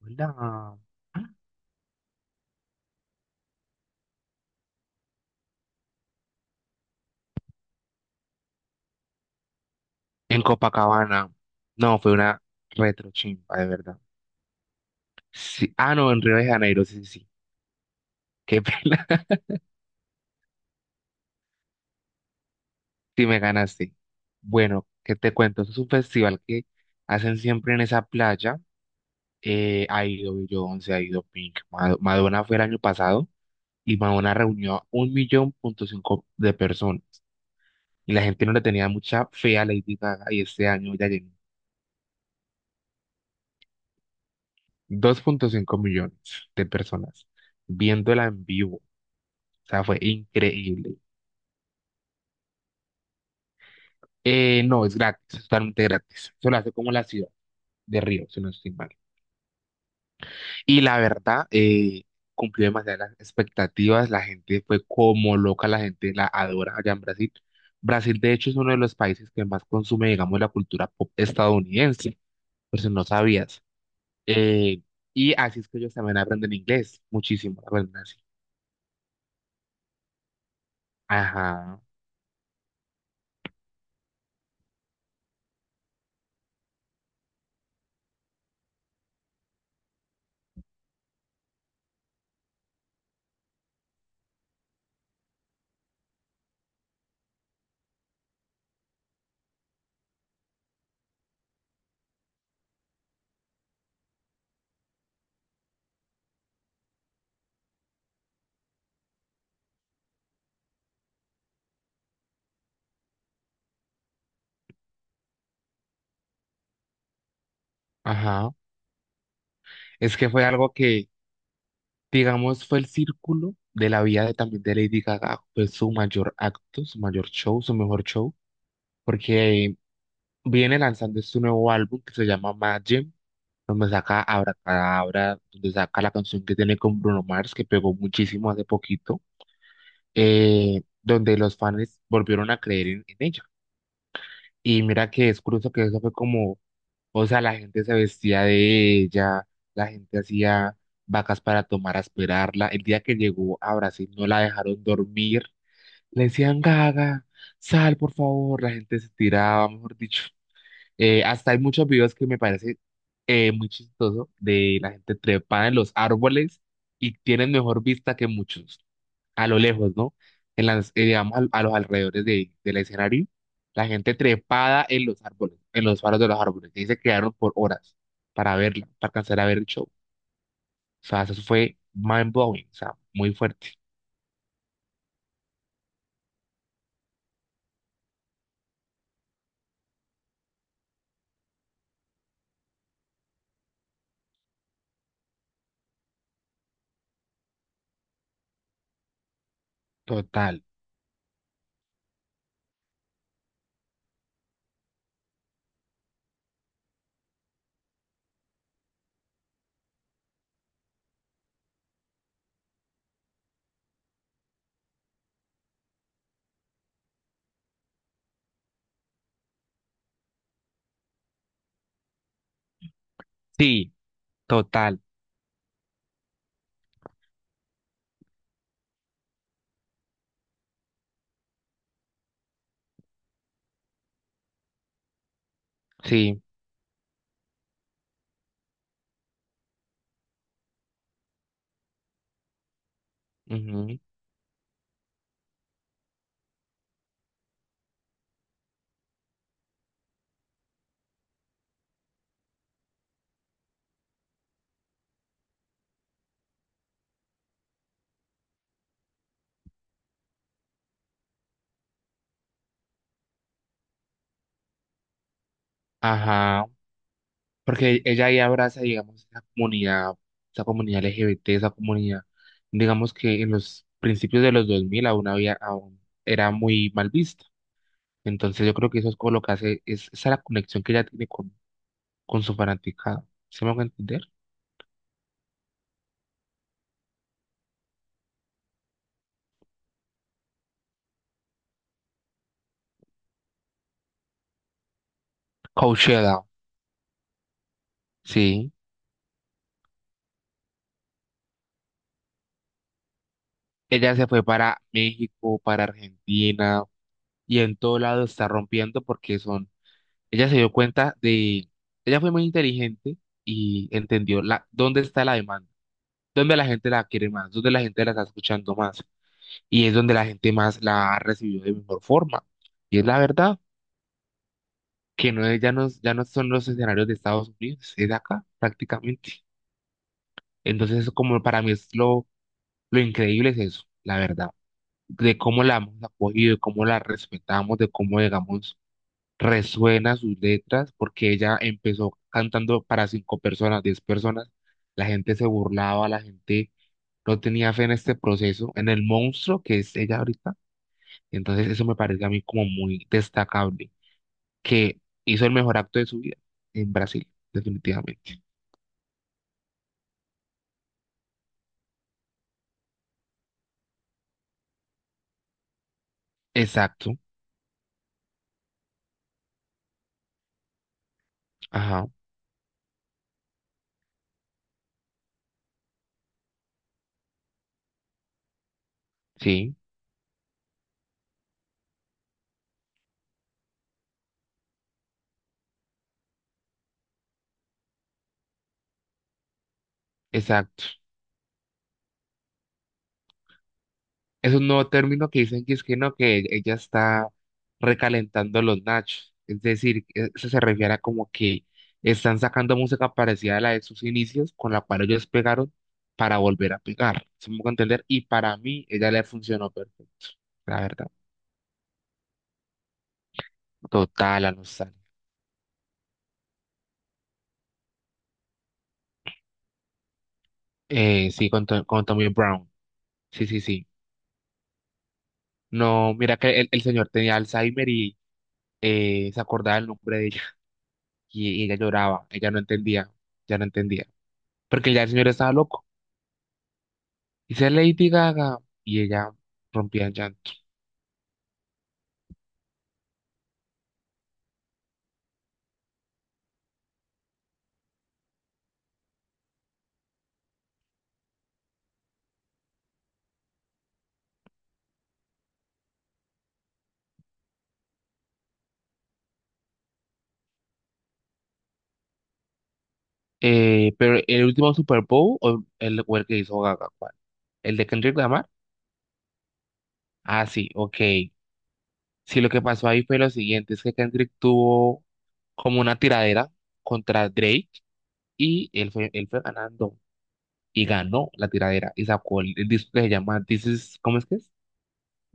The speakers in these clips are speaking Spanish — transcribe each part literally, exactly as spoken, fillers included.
¿Verdad? En Copacabana. No, fue una retrochimpa, de verdad. Sí. Ah, no, en Río de Janeiro, sí, sí, sí. Qué pena. Sí me ganaste. Bueno, ¿qué te cuento? Es un festival que hacen siempre en esa playa. Eh, ha ido Beyoncé, ha ido Pink. Mad- Madonna fue el año pasado y Madonna reunió a un millón punto cinco de personas. Y la gente no le tenía mucha fe a Lady Gaga y este año ya llenó dos punto cinco millones de personas viéndola en vivo. O sea, fue increíble. Eh, no, es gratis, es totalmente gratis. Eso lo hace como la ciudad de Río, si no estoy mal. Y la verdad, eh, cumplió demasiadas las expectativas. La gente fue como loca, la gente la adora allá en Brasil. Brasil, de hecho, es uno de los países que más consume, digamos, la cultura pop estadounidense, por si no sabías. Eh, y así es que ellos también aprenden inglés, muchísimo, aprenden así. Ajá, ajá. Es que fue algo que digamos, fue el círculo de la vida de, también de Lady Gaga, fue su mayor acto, su mayor show, su mejor show, porque viene lanzando este nuevo álbum que se llama Mad Gym, donde saca Abracadabra, donde saca la canción que tiene con Bruno Mars, que pegó muchísimo hace poquito, eh, donde los fans volvieron a creer en, en ella. Y mira que es curioso que eso fue como, o sea, la gente se vestía de ella, la gente hacía vacas para tomar a esperarla. El día que llegó a Brasil no la dejaron dormir. Le decían, Gaga, sal por favor. La gente se tiraba, mejor dicho. Eh, hasta hay muchos videos que me parece eh, muy chistoso, de la gente trepada en los árboles y tienen mejor vista que muchos a lo lejos, ¿no? En las, eh, digamos, al- a los alrededores de, del escenario, la gente trepada en los árboles, en los faros de los árboles, y se quedaron por horas para verla, para alcanzar a ver el show. O sea, eso fue mind blowing, o sea, muy fuerte. Total. Sí, total. Sí. Ujú. Ajá. Porque ella ahí abraza, digamos, esa comunidad, esa comunidad L G B T, esa comunidad, digamos que en los principios de los dos mil aún había, aún era muy mal vista. Entonces yo creo que eso es como lo que hace, es esa la conexión que ella tiene con, con su fanaticada. ¿Se me va a entender? Coachella, sí. Ella se fue para México, para Argentina y en todo lado está rompiendo porque son, ella se dio cuenta de, ella fue muy inteligente y entendió la, dónde está la demanda, dónde la gente la quiere más, dónde la gente la está escuchando más y es donde la gente más la ha recibido de mejor forma. Y es la verdad. Que no es, ya no, es- ya no son los escenarios de Estados Unidos, es de acá prácticamente. Entonces, eso como para mí es lo, lo increíble es eso, la verdad, de cómo la hemos acogido, de cómo la respetamos, de cómo, digamos, resuena sus letras, porque ella empezó cantando para cinco personas, diez personas, la gente se burlaba, la gente no tenía fe en este proceso, en el monstruo que es ella ahorita. Entonces, eso me parece a mí como muy destacable. Que hizo el mejor acto de su vida en Brasil, definitivamente. Exacto, ajá, sí, exacto. Es un nuevo término que dicen que es que no, que ella está recalentando los nachos. Es decir, e-, eso se refiere a como que están sacando música parecida a la de sus inicios, con la cual ellos pegaron para volver a pegar. ¿Se me hago entender? Y para mí, ella le funcionó perfecto, la verdad. Total, la nostalgia. Eh, sí, con, To- con Tommy Brown. Sí, sí, sí. No, mira que el, el señor tenía Alzheimer y eh, se acordaba el nombre de ella. Y, y ella lloraba, ella no entendía, ya no entendía, porque ya el señor estaba loco. Dice Lady Gaga y ella rompía en llanto. Eh, pero el último Super Bowl o el, o el que hizo Gaga, ¿cuál? ¿El de Kendrick Lamar? Ah, sí, ok. Sí, lo que pasó ahí fue lo siguiente, es que Kendrick tuvo como una tiradera contra Drake y él fue, él fue ganando y ganó la tiradera y sacó el, el disco que se llama This is, ¿cómo es que es?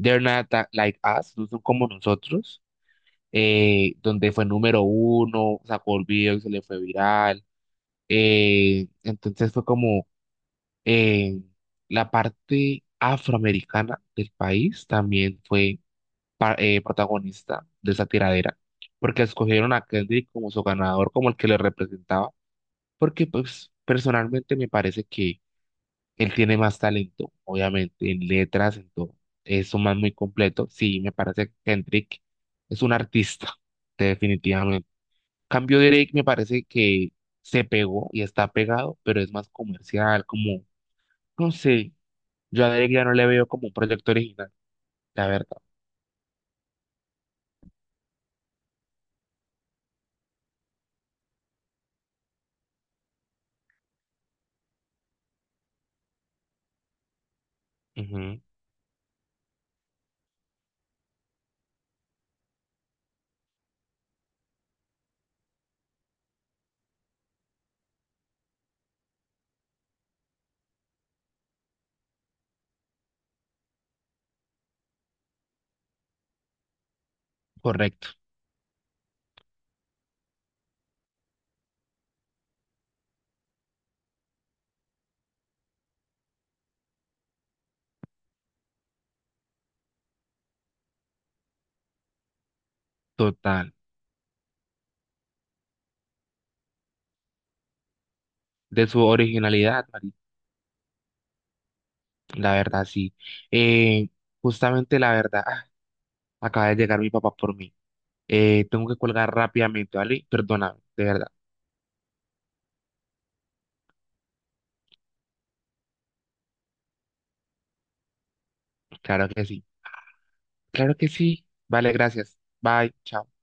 They're Not Tha- Like Us, no son como nosotros, eh, donde fue número uno, sacó el video y se le fue viral. eh, entonces fue como eh, la parte afroamericana del país también fue pa- eh, protagonista de esa tiradera, porque escogieron a Kendrick como su ganador, como el que le representaba, porque pues personalmente me parece que él tiene más talento, obviamente, en letras, en todo. Es un man muy completo. Sí, me parece que Kendrick es un artista, definitivamente. Cambio Drake me parece que se pegó y está pegado, pero es más comercial, como, no sé, yo a Drake ya no le veo como un proyecto original, la verdad. Ujú, correcto, total. De su originalidad, Mari, la verdad, sí. Eh, Justamente la verdad, ah, acaba de llegar mi papá por mí. Eh, tengo que colgar rápidamente, ¿vale? Perdóname, de verdad. Claro que sí. Claro que sí. Vale, gracias. Bye. Chao.